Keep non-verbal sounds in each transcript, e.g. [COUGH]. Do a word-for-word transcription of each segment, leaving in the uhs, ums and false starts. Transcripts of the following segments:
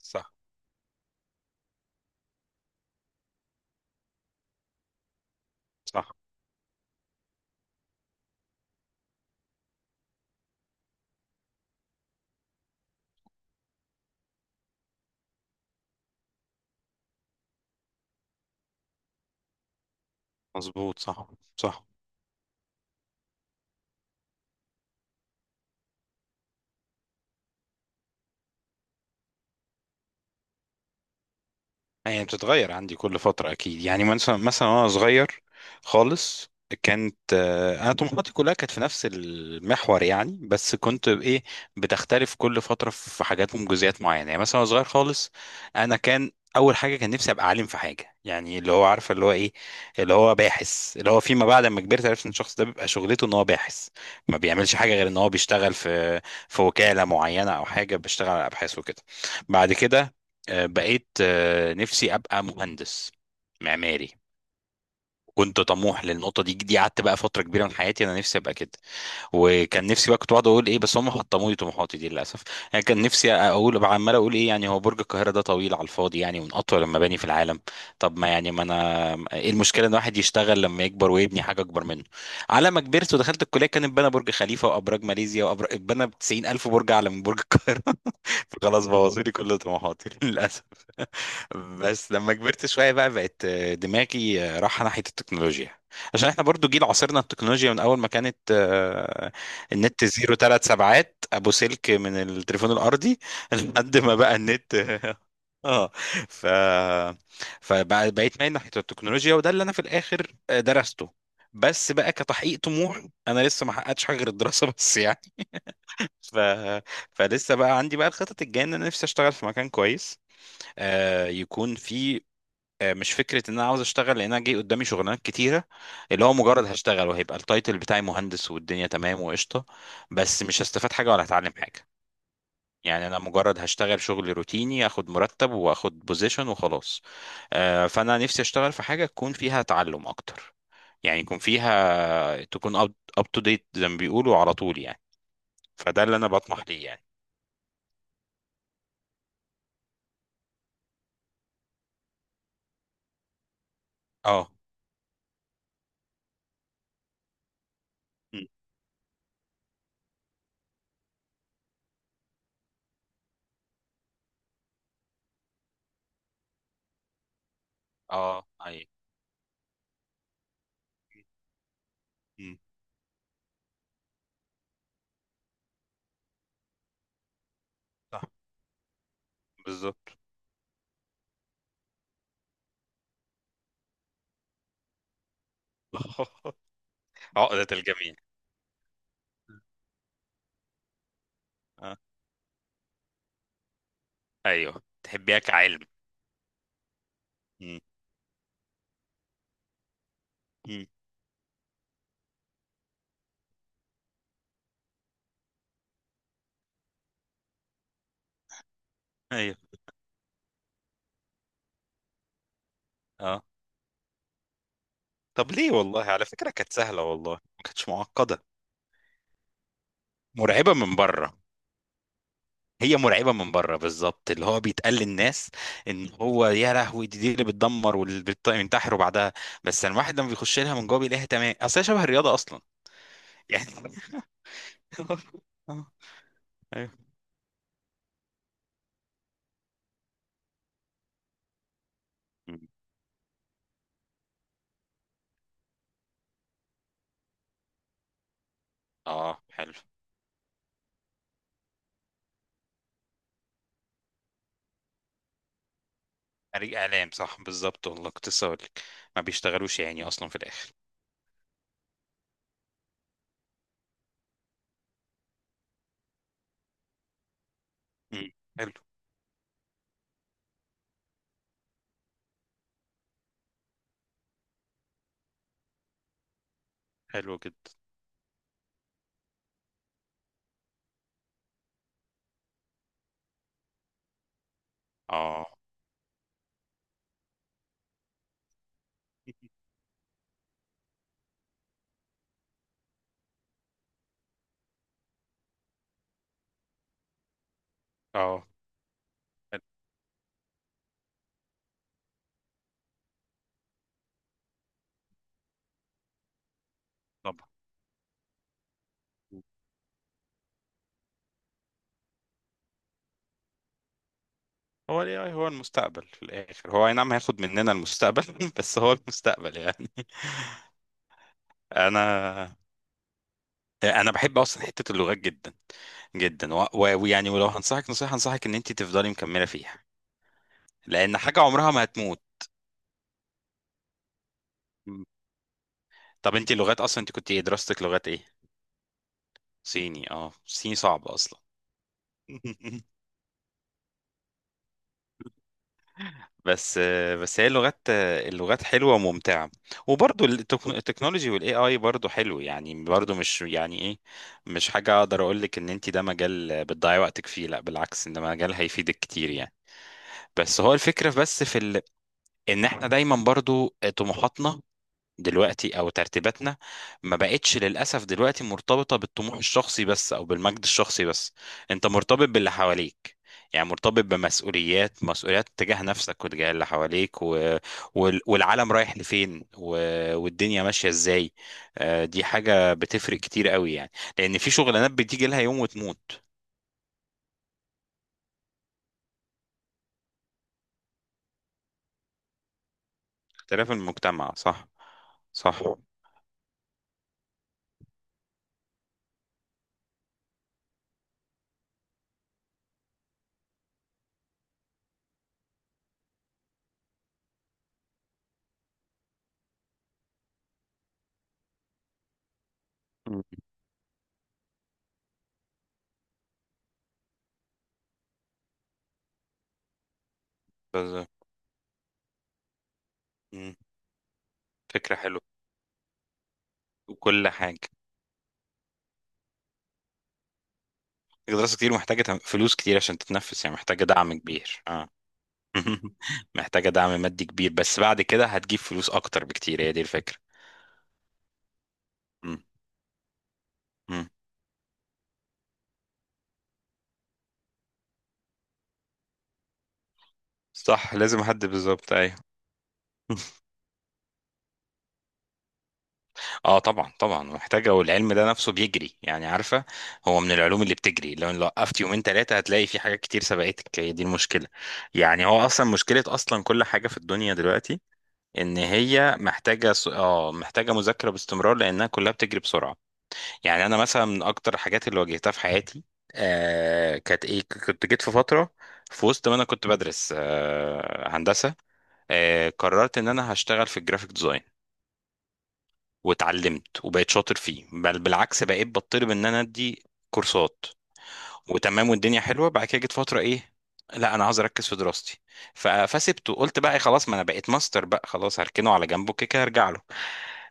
صح، صح، مظبوط، صح، صح. يعني بتتغير عندي كل فترة أكيد. يعني مثلا، مثلا وأنا صغير خالص كانت، آه، أنا طموحاتي كلها كانت في نفس المحور يعني. بس كنت بإيه، بتختلف كل فترة في حاجات ومجزئيات معينة. يعني مثلا وأنا صغير خالص أنا كان أول حاجة، كان نفسي أبقى عالم في حاجة. يعني اللي هو عارفة اللي هو إيه، اللي هو باحث. اللي هو فيما بعد لما كبرت عرفت إن الشخص ده بيبقى شغلته إن هو باحث، ما بيعملش حاجة غير إن هو بيشتغل في في وكالة معينة أو حاجة، بيشتغل على أبحاث وكده. بعد كده آه، بقيت آه، نفسي ابقى مهندس معماري. كنت طموح للنقطه دي. دي قعدت بقى فتره كبيره من حياتي انا نفسي ابقى كده. وكان نفسي بقى، كنت بقعد اقول ايه، بس هم حطموا لي طموحاتي دي للاسف. يعني كان نفسي اقول بقى، عمال اقول ايه يعني، هو برج القاهره ده طويل على الفاضي يعني، ومن اطول المباني في العالم. طب ما يعني، ما انا ايه المشكله ان واحد يشتغل لما يكبر ويبني حاجه اكبر منه؟ على ما كبرت ودخلت الكليه كان اتبنى برج خليفه وابراج ماليزيا وابراج اتبنى، ب تسعين ألف برج اعلى من برج القاهره. [LAUGHS] فخلاص بوظوا لي كل طموحاتي [LAUGHS] للاسف. بس لما كبرت شوية بقى، بقت آه، دماغي آه، رايحة ناحية التكنولوجيا، عشان احنا برضو جيل عاصرنا التكنولوجيا من اول ما كانت، آه، النت زيرو ثلاث سبعات ابو سلك من التليفون الارضي [LAUGHS] لحد ما بقى النت. [LAUGHS] اه. ف فبقيت مايل ناحية التكنولوجيا، وده اللي انا في الاخر آه، درسته، بس بقى كتحقيق طموح. انا لسه ما حققتش حاجه غير الدراسه [LAUGHS] بس يعني. ف... فلسه بقى عندي بقى الخطط الجايه، ان انا نفسي اشتغل في مكان كويس آه، يكون فيه، آه، مش فكره ان انا عاوز اشتغل، لان انا جاي قدامي شغلانات كتيره اللي هو مجرد هشتغل وهيبقى التايتل بتاعي مهندس والدنيا تمام وقشطه، بس مش هستفاد حاجه ولا هتعلم حاجه. يعني انا مجرد هشتغل شغل روتيني، اخد مرتب واخد بوزيشن وخلاص. آه، فانا نفسي اشتغل في حاجه تكون فيها تعلم اكتر. يعني يكون فيها، تكون اب تو ديت زي ما بيقولوا على طول يعني. فده اللي انا بطمح ليه يعني. اه. مم. اه، اي. مم. صح، بالظبط. [LAUGHS] عقدة الجميع. ايوه، تحبيها كعلم. مم. مم. ايوه. اه، طب ليه؟ والله على فكرة كانت سهلة، والله ما كانتش معقدة. مرعبة من بره. هي مرعبة من بره بالظبط، اللي هو بيتقال للناس ان هو يا لهوي، دي, دي اللي بتدمر واللي بت- بينتحروا بعدها. بس لما الواحد لما بيخش لها من جوه بيلاقيها تمام، اصل هي شبه الرياضة اصلا يعني. [LAUGHS] اه. ايوه. مم. اه، حلو. خريج اعلام، صح بالظبط، والله كنت لسه هقول لك ما بيشتغلوش يعني اصلا في الاخر. مم. حلو. حلو جدا. اه. [LAUGHS] اه، طبعا. هو ال إيه آي هو المستقبل في الآخر. هو أي نعم هياخد مننا المستقبل [LAUGHS] بس هو المستقبل يعني. أنا أنا بحب أصلا حتة اللغات جدا جدا، و- و- ويعني ولو هنصحك نصيحة، أنصحك إن أنت تفضلي مكملة فيها، لأن حاجة عمرها ما هتموت. طب أنت لغات أصلا، أنت كنت إيه دراستك؟ لغات إيه؟ صيني. أه صيني صعب أصلا. [LAUGHS] بس، بس هي اللغات، اللغات حلوه وممتعه، وبرضو التك- التكنولوجي والاي اي برضو حلو يعني. برضو مش يعني ايه، مش حاجه اقدر اقول لك ان انت ده مجال بتضيعي وقتك فيه، لا بالعكس، ان ده مجال هيفيدك كتير يعني. بس هو الفكره، بس في ال... ان احنا دايما برضو طموحاتنا دلوقتي او ترتيباتنا ما بقتش للاسف دلوقتي مرتبطه بالطموح الشخصي بس، او بالمجد الشخصي بس. انت مرتبط باللي حواليك، يعني مرتبط بمسؤوليات، مسؤوليات تجاه نفسك وتجاه اللي حواليك، و... وال... والعالم رايح لفين، و... والدنيا ماشيه ازاي. آه، دي حاجه بتفرق كتير قوي يعني، لان في شغلانات بتيجي لها يوم وتموت. اختلاف المجتمع، صح، صح. مم. بز... مم. فكره حلوه، وكل حاجه. دراسة كتير، محتاجة تم- فلوس كتير عشان تتنفس يعني، محتاجة دعم كبير. اه. [LAUGHS] محتاجة دعم مادي كبير، بس بعد كده هتجيب فلوس أكتر بكتير، هي دي الفكرة. مم. مم. صح، لازم حد، بالظبط، أيوه. [LAUGHS] اه، طبعا طبعا محتاجة. والعلم ده نفسه بيجري يعني، عارفة. هو من العلوم اللي بتجري، لو لو وقفت يومين ثلاثة هتلاقي في حاجات كتير سبقتك، هي دي المشكلة. يعني هو أصلا مشكلة أصلا كل حاجة في الدنيا دلوقتي، إن هي محتاجة س- اه محتاجة مذاكرة باستمرار، لأنها كلها بتجري بسرعة. يعني انا مثلا من اكتر الحاجات اللي واجهتها في حياتي، آه كانت ايه، كنت جيت في فتره، في وسط ما انا كنت بدرس آه هندسه، آه قررت ان انا هشتغل في الجرافيك ديزاين، واتعلمت وبقيت شاطر فيه، بل بالعكس بقيت بطلب ان انا ادي كورسات، وتمام والدنيا حلوه. بعد كده جيت فتره ايه، لا انا عاوز اركز في دراستي، ف- فسبته، قلت بقى إيه، خلاص ما انا بقيت ماستر بقى، خلاص هركنه على جنبه، كده كده هرجع له.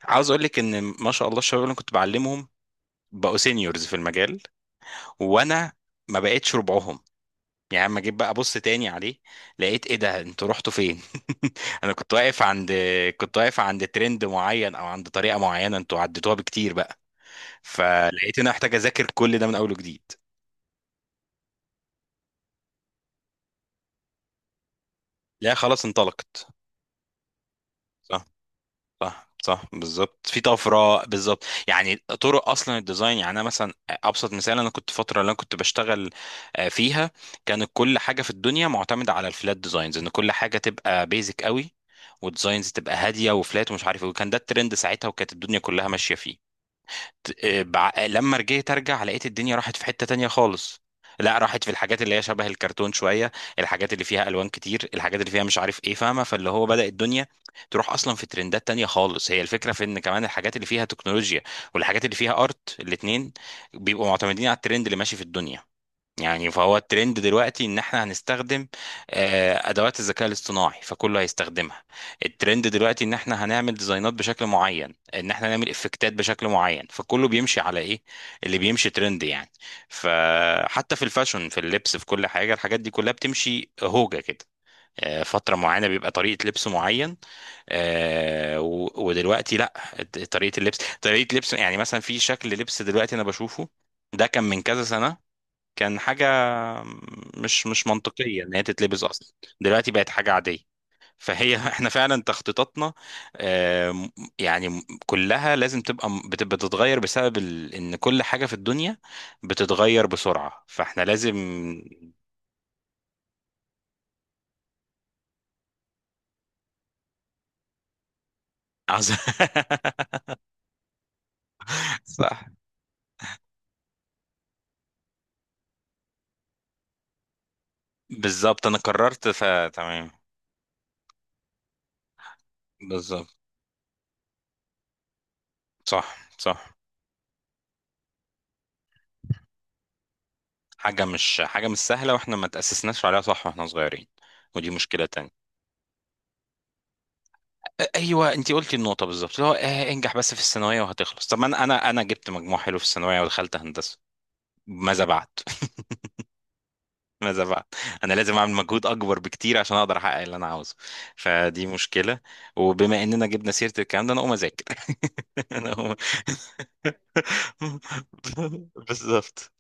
عاوز اقول لك ان ما شاء الله الشباب اللي أنا كنت بعلمهم بقوا سينيورز في المجال، وانا ما بقتش ربعهم. يعني اما جيت بقى ابص تاني عليه لقيت، ايه ده انتوا رحتوا فين؟ [LAUGHS] انا كنت واقف عند، كنت واقف عند ترند معين او عند طريقه معينه، انتوا عديتوها بكتير بقى. فلقيت ان انا محتاج اذاكر كل ده من اول وجديد. لا خلاص انطلقت. صح. صح، صح بالظبط، في طفره بالظبط. يعني طرق اصلا الديزاين، يعني انا مثلا ابسط مثال، انا كنت فتره اللي انا كنت بشتغل آه، فيها كانت كل حاجه في الدنيا معتمده على الفلات ديزاينز، ان كل حاجه تبقى بيزك قوي، وديزاينز تبقى هاديه وفلات ومش عارف ايه، وكان ده الترند ساعتها وكانت الدنيا كلها ماشيه فيه. إيه، بع... لما رجعت ارجع لقيت الدنيا راحت في حتة تانية خالص. لا راحت في الحاجات اللي هي شبه الكرتون شوية، الحاجات اللي فيها الوان كتير، الحاجات اللي فيها مش عارف ايه، فاهمة؟ فاللي هو بدأ الدنيا تروح اصلا في ترندات تانية خالص. هي الفكرة في ان كمان الحاجات اللي فيها تكنولوجيا والحاجات اللي فيها ارت، الاتنين بيبقوا معتمدين على الترند اللي ماشي في الدنيا. يعني فهو الترند دلوقتي ان احنا هنستخدم آه، ادوات الذكاء الاصطناعي، فكله هيستخدمها. الترند دلوقتي ان احنا هنعمل ديزاينات بشكل معين، ان احنا نعمل افكتات بشكل معين، فكله بيمشي على ايه، اللي بيمشي ترند يعني. فحتى في الفاشن، في اللبس، في كل حاجة، الحاجات دي كلها بتمشي هوجة كده. آه، فترة معينة بيبقى طريقة لبس معين، آه، و- ودلوقتي لا، طريقة اللبس، طريقة لبس، يعني مثلا في شكل لبس دلوقتي انا بشوفه، ده كان من كذا سنة كان حاجة مش مش منطقية إن هي تتلبس أصلا، دلوقتي بقت حاجة عادية. فهي [LAUGHS] احنا فعلا تخطيطاتنا آم، يعني م- كلها لازم تبقى م- بت- بتتغير بسبب ال... ان كل حاجة في الدنيا بتتغير بسرعة، فاحنا لازم. عز- [LAUGHS] صح، بالظبط، انا قررت فتمام. بالظبط، صح، صح. حاجة مش حاجة مش سهلة، واحنا ما تأسسناش عليها، صح، واحنا صغيرين. ودي مشكلة تانية. ايوه انت قلتي النقطه بالظبط، اللي هو آه انجح بس في الثانويه وهتخلص. طب ما انا انا انا جبت مجموع حلو في الثانويه ودخلت هندسه، ماذا بعد؟ [LAUGHS] ماذا بعد؟ انا لازم اعمل مجهود اكبر بكتير عشان اقدر احقق اللي انا عاوزه، فدي مشكله. وبما اننا جبنا سيره الكلام ده، انا اقوم اذاكر. [LAUGHS] انا اقوم. [LAUGHS] بالظبط.